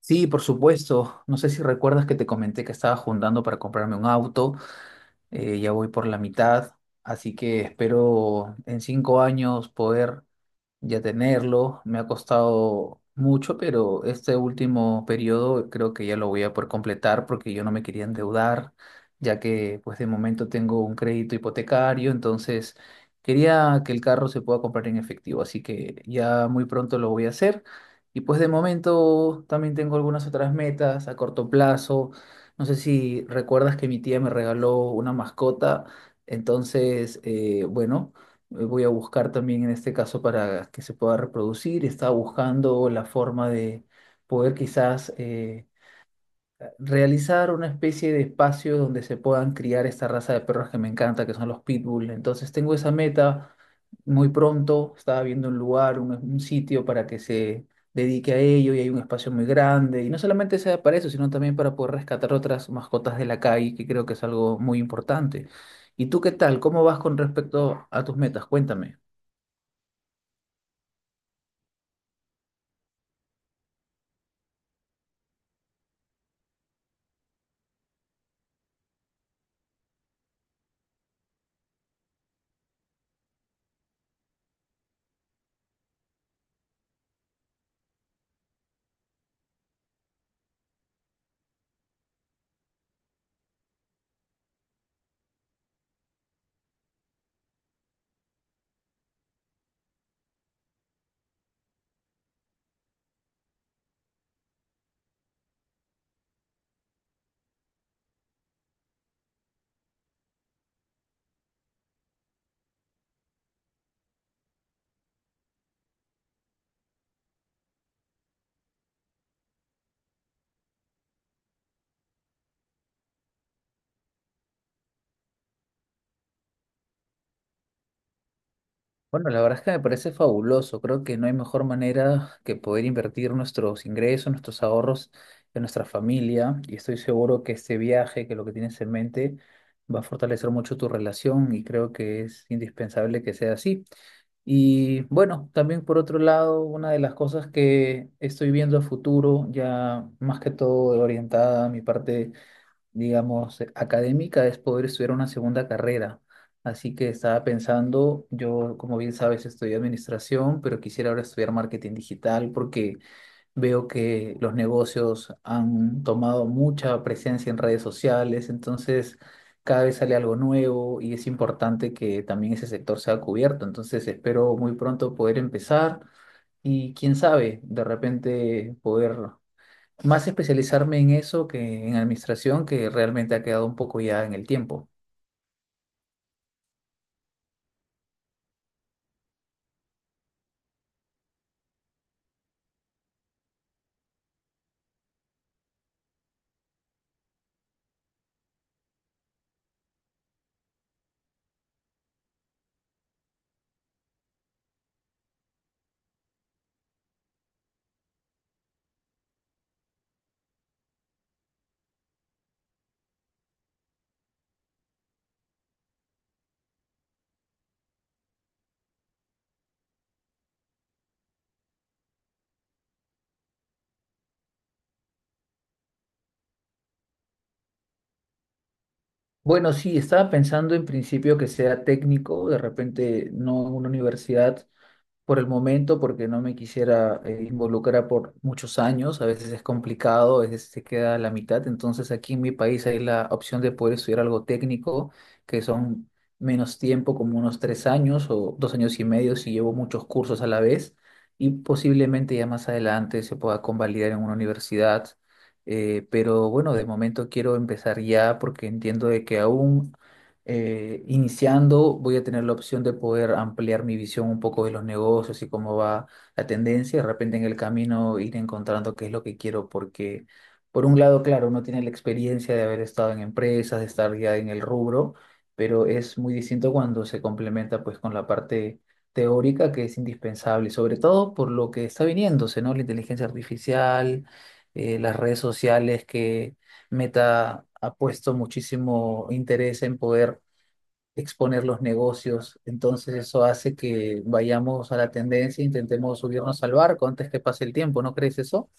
Sí, por supuesto. No sé si recuerdas que te comenté que estaba juntando para comprarme un auto. Ya voy por la mitad, así que espero en 5 años poder ya tenerlo. Me ha costado mucho, pero este último periodo creo que ya lo voy a poder completar porque yo no me quería endeudar, ya que pues de momento tengo un crédito hipotecario, entonces quería que el carro se pueda comprar en efectivo, así que ya muy pronto lo voy a hacer. Y pues de momento también tengo algunas otras metas a corto plazo. No sé si recuerdas que mi tía me regaló una mascota, entonces, bueno, voy a buscar también en este caso para que se pueda reproducir. Estaba buscando la forma de poder quizás realizar una especie de espacio donde se puedan criar esta raza de perros que me encanta, que son los pitbull. Entonces tengo esa meta muy pronto. Estaba viendo un lugar, un sitio para que se dedique a ello y hay un espacio muy grande. Y no solamente sea para eso, sino también para poder rescatar otras mascotas de la calle, que creo que es algo muy importante. ¿Y tú qué tal? ¿Cómo vas con respecto a tus metas? Cuéntame. Bueno, la verdad es que me parece fabuloso. Creo que no hay mejor manera que poder invertir nuestros ingresos, nuestros ahorros en nuestra familia. Y estoy seguro que este viaje, que lo que tienes en mente, va a fortalecer mucho tu relación y creo que es indispensable que sea así. Y bueno, también por otro lado, una de las cosas que estoy viendo a futuro, ya más que todo orientada a mi parte, digamos, académica, es poder estudiar una segunda carrera. Así que estaba pensando, yo como bien sabes estudié administración, pero quisiera ahora estudiar marketing digital porque veo que los negocios han tomado mucha presencia en redes sociales, entonces cada vez sale algo nuevo y es importante que también ese sector sea cubierto. Entonces espero muy pronto poder empezar y quién sabe, de repente poder más especializarme en eso que en administración, que realmente ha quedado un poco ya en el tiempo. Bueno, sí, estaba pensando en principio que sea técnico, de repente no en una universidad, por el momento porque no me quisiera involucrar por muchos años, a veces es complicado, a veces se queda a la mitad, entonces aquí en mi país hay la opción de poder estudiar algo técnico, que son menos tiempo, como unos 3 años o 2 años y medio si llevo muchos cursos a la vez y posiblemente ya más adelante se pueda convalidar en una universidad. Pero bueno, de momento quiero empezar ya porque entiendo de que aún iniciando, voy a tener la opción de poder ampliar mi visión un poco de los negocios y cómo va la tendencia. De repente en el camino ir encontrando qué es lo que quiero, porque por un lado, claro, uno tiene la experiencia de haber estado en empresas, de estar ya en el rubro, pero es muy distinto cuando se complementa pues con la parte teórica que es indispensable, sobre todo por lo que está viniéndose, ¿no? La inteligencia artificial, las redes sociales, que Meta ha puesto muchísimo interés en poder exponer los negocios. Entonces eso hace que vayamos a la tendencia, intentemos subirnos al barco antes que pase el tiempo, ¿no crees eso?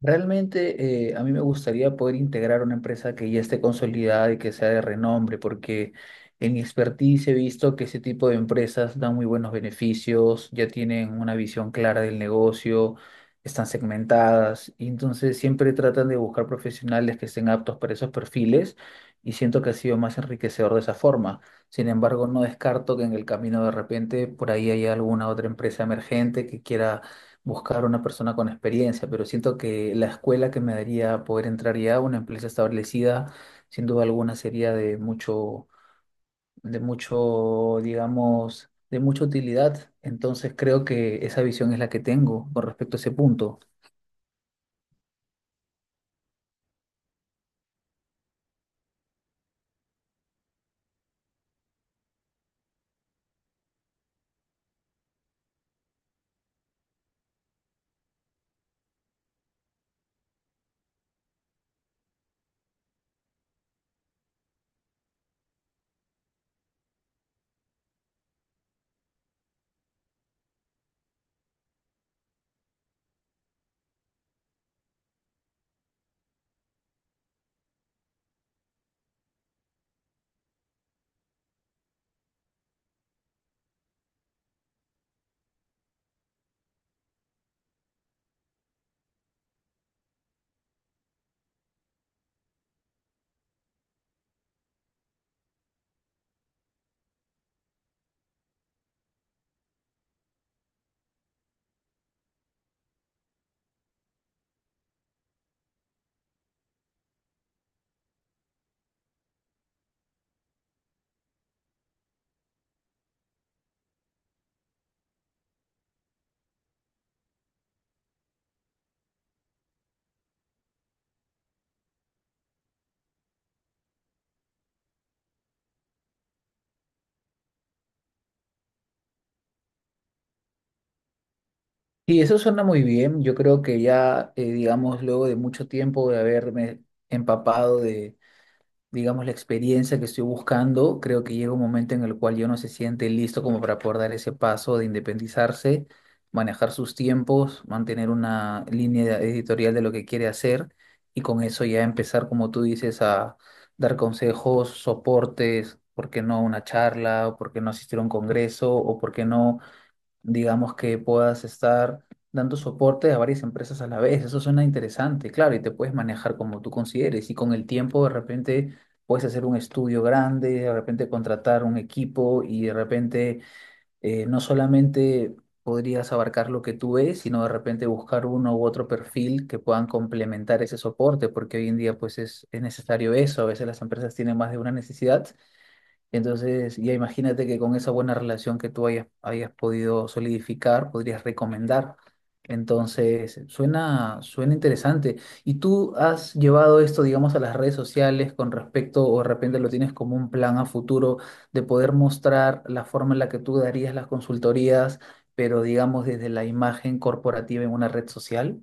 Realmente, a mí me gustaría poder integrar una empresa que ya esté consolidada y que sea de renombre, porque en mi expertise he visto que ese tipo de empresas dan muy buenos beneficios, ya tienen una visión clara del negocio, están segmentadas, y entonces siempre tratan de buscar profesionales que estén aptos para esos perfiles y siento que ha sido más enriquecedor de esa forma. Sin embargo, no descarto que en el camino de repente por ahí haya alguna otra empresa emergente que quiera buscar una persona con experiencia, pero siento que la escuela que me daría poder entrar ya a una empresa establecida, sin duda alguna, sería de mucho, digamos, de mucha utilidad. Entonces creo que esa visión es la que tengo con respecto a ese punto. Y eso suena muy bien. Yo creo que ya, digamos, luego de mucho tiempo de haberme empapado, digamos, la experiencia que estoy buscando, creo que llega un momento en el cual yo no se siente listo como para poder dar ese paso de independizarse, manejar sus tiempos, mantener una línea editorial de lo que quiere hacer y con eso ya empezar, como tú dices, a dar consejos, soportes, por qué no una charla, o por qué no asistir a un congreso, o por qué no, digamos, que puedas estar dando soporte a varias empresas a la vez. Eso suena interesante, claro, y te puedes manejar como tú consideres. Y con el tiempo, de repente, puedes hacer un estudio grande, de repente contratar un equipo y de repente no solamente podrías abarcar lo que tú ves, sino de repente buscar uno u otro perfil que puedan complementar ese soporte, porque hoy en día pues es necesario eso. A veces las empresas tienen más de una necesidad, entonces, ya imagínate que con esa buena relación que tú hayas podido solidificar, podrías recomendar. Entonces, suena interesante. ¿Y tú has llevado esto, digamos, a las redes sociales con respecto, o de repente lo tienes como un plan a futuro de poder mostrar la forma en la que tú darías las consultorías, pero digamos desde la imagen corporativa en una red social?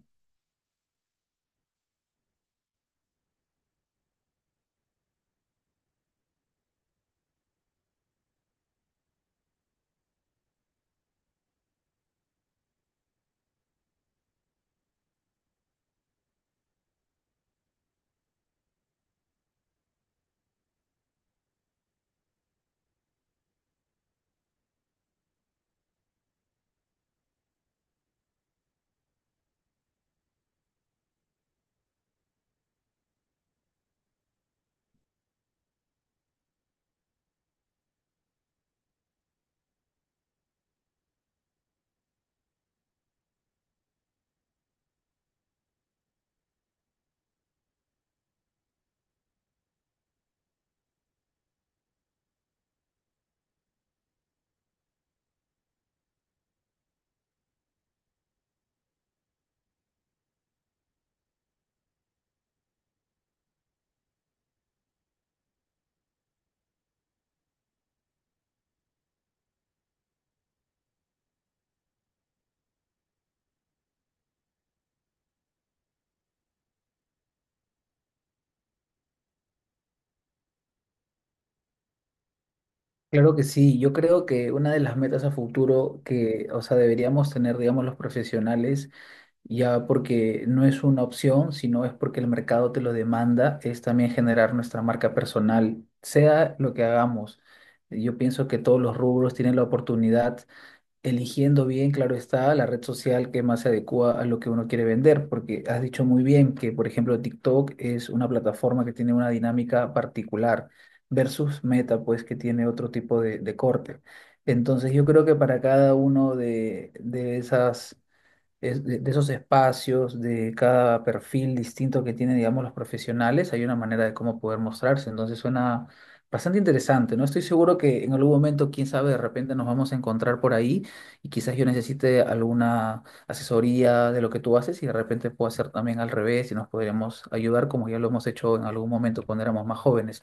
Claro que sí, yo creo que una de las metas a futuro que, o sea, deberíamos tener, digamos, los profesionales, ya porque no es una opción, sino es porque el mercado te lo demanda, es también generar nuestra marca personal, sea lo que hagamos. Yo pienso que todos los rubros tienen la oportunidad, eligiendo bien, claro está, la red social que más se adecua a lo que uno quiere vender, porque has dicho muy bien que, por ejemplo, TikTok es una plataforma que tiene una dinámica particular versus Meta, pues que tiene otro tipo de corte. Entonces yo creo que para cada uno de esos espacios, de cada perfil distinto que tienen, digamos, los profesionales, hay una manera de cómo poder mostrarse. Entonces suena bastante interesante, ¿no? Estoy seguro que en algún momento, quién sabe, de repente nos vamos a encontrar por ahí y quizás yo necesite alguna asesoría de lo que tú haces y de repente puedo hacer también al revés y nos podríamos ayudar como ya lo hemos hecho en algún momento cuando éramos más jóvenes.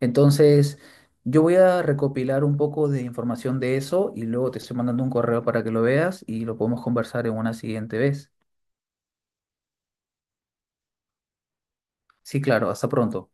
Entonces... Yo voy a recopilar un poco de información de eso y luego te estoy mandando un correo para que lo veas y lo podemos conversar en una siguiente vez. Sí, claro, hasta pronto.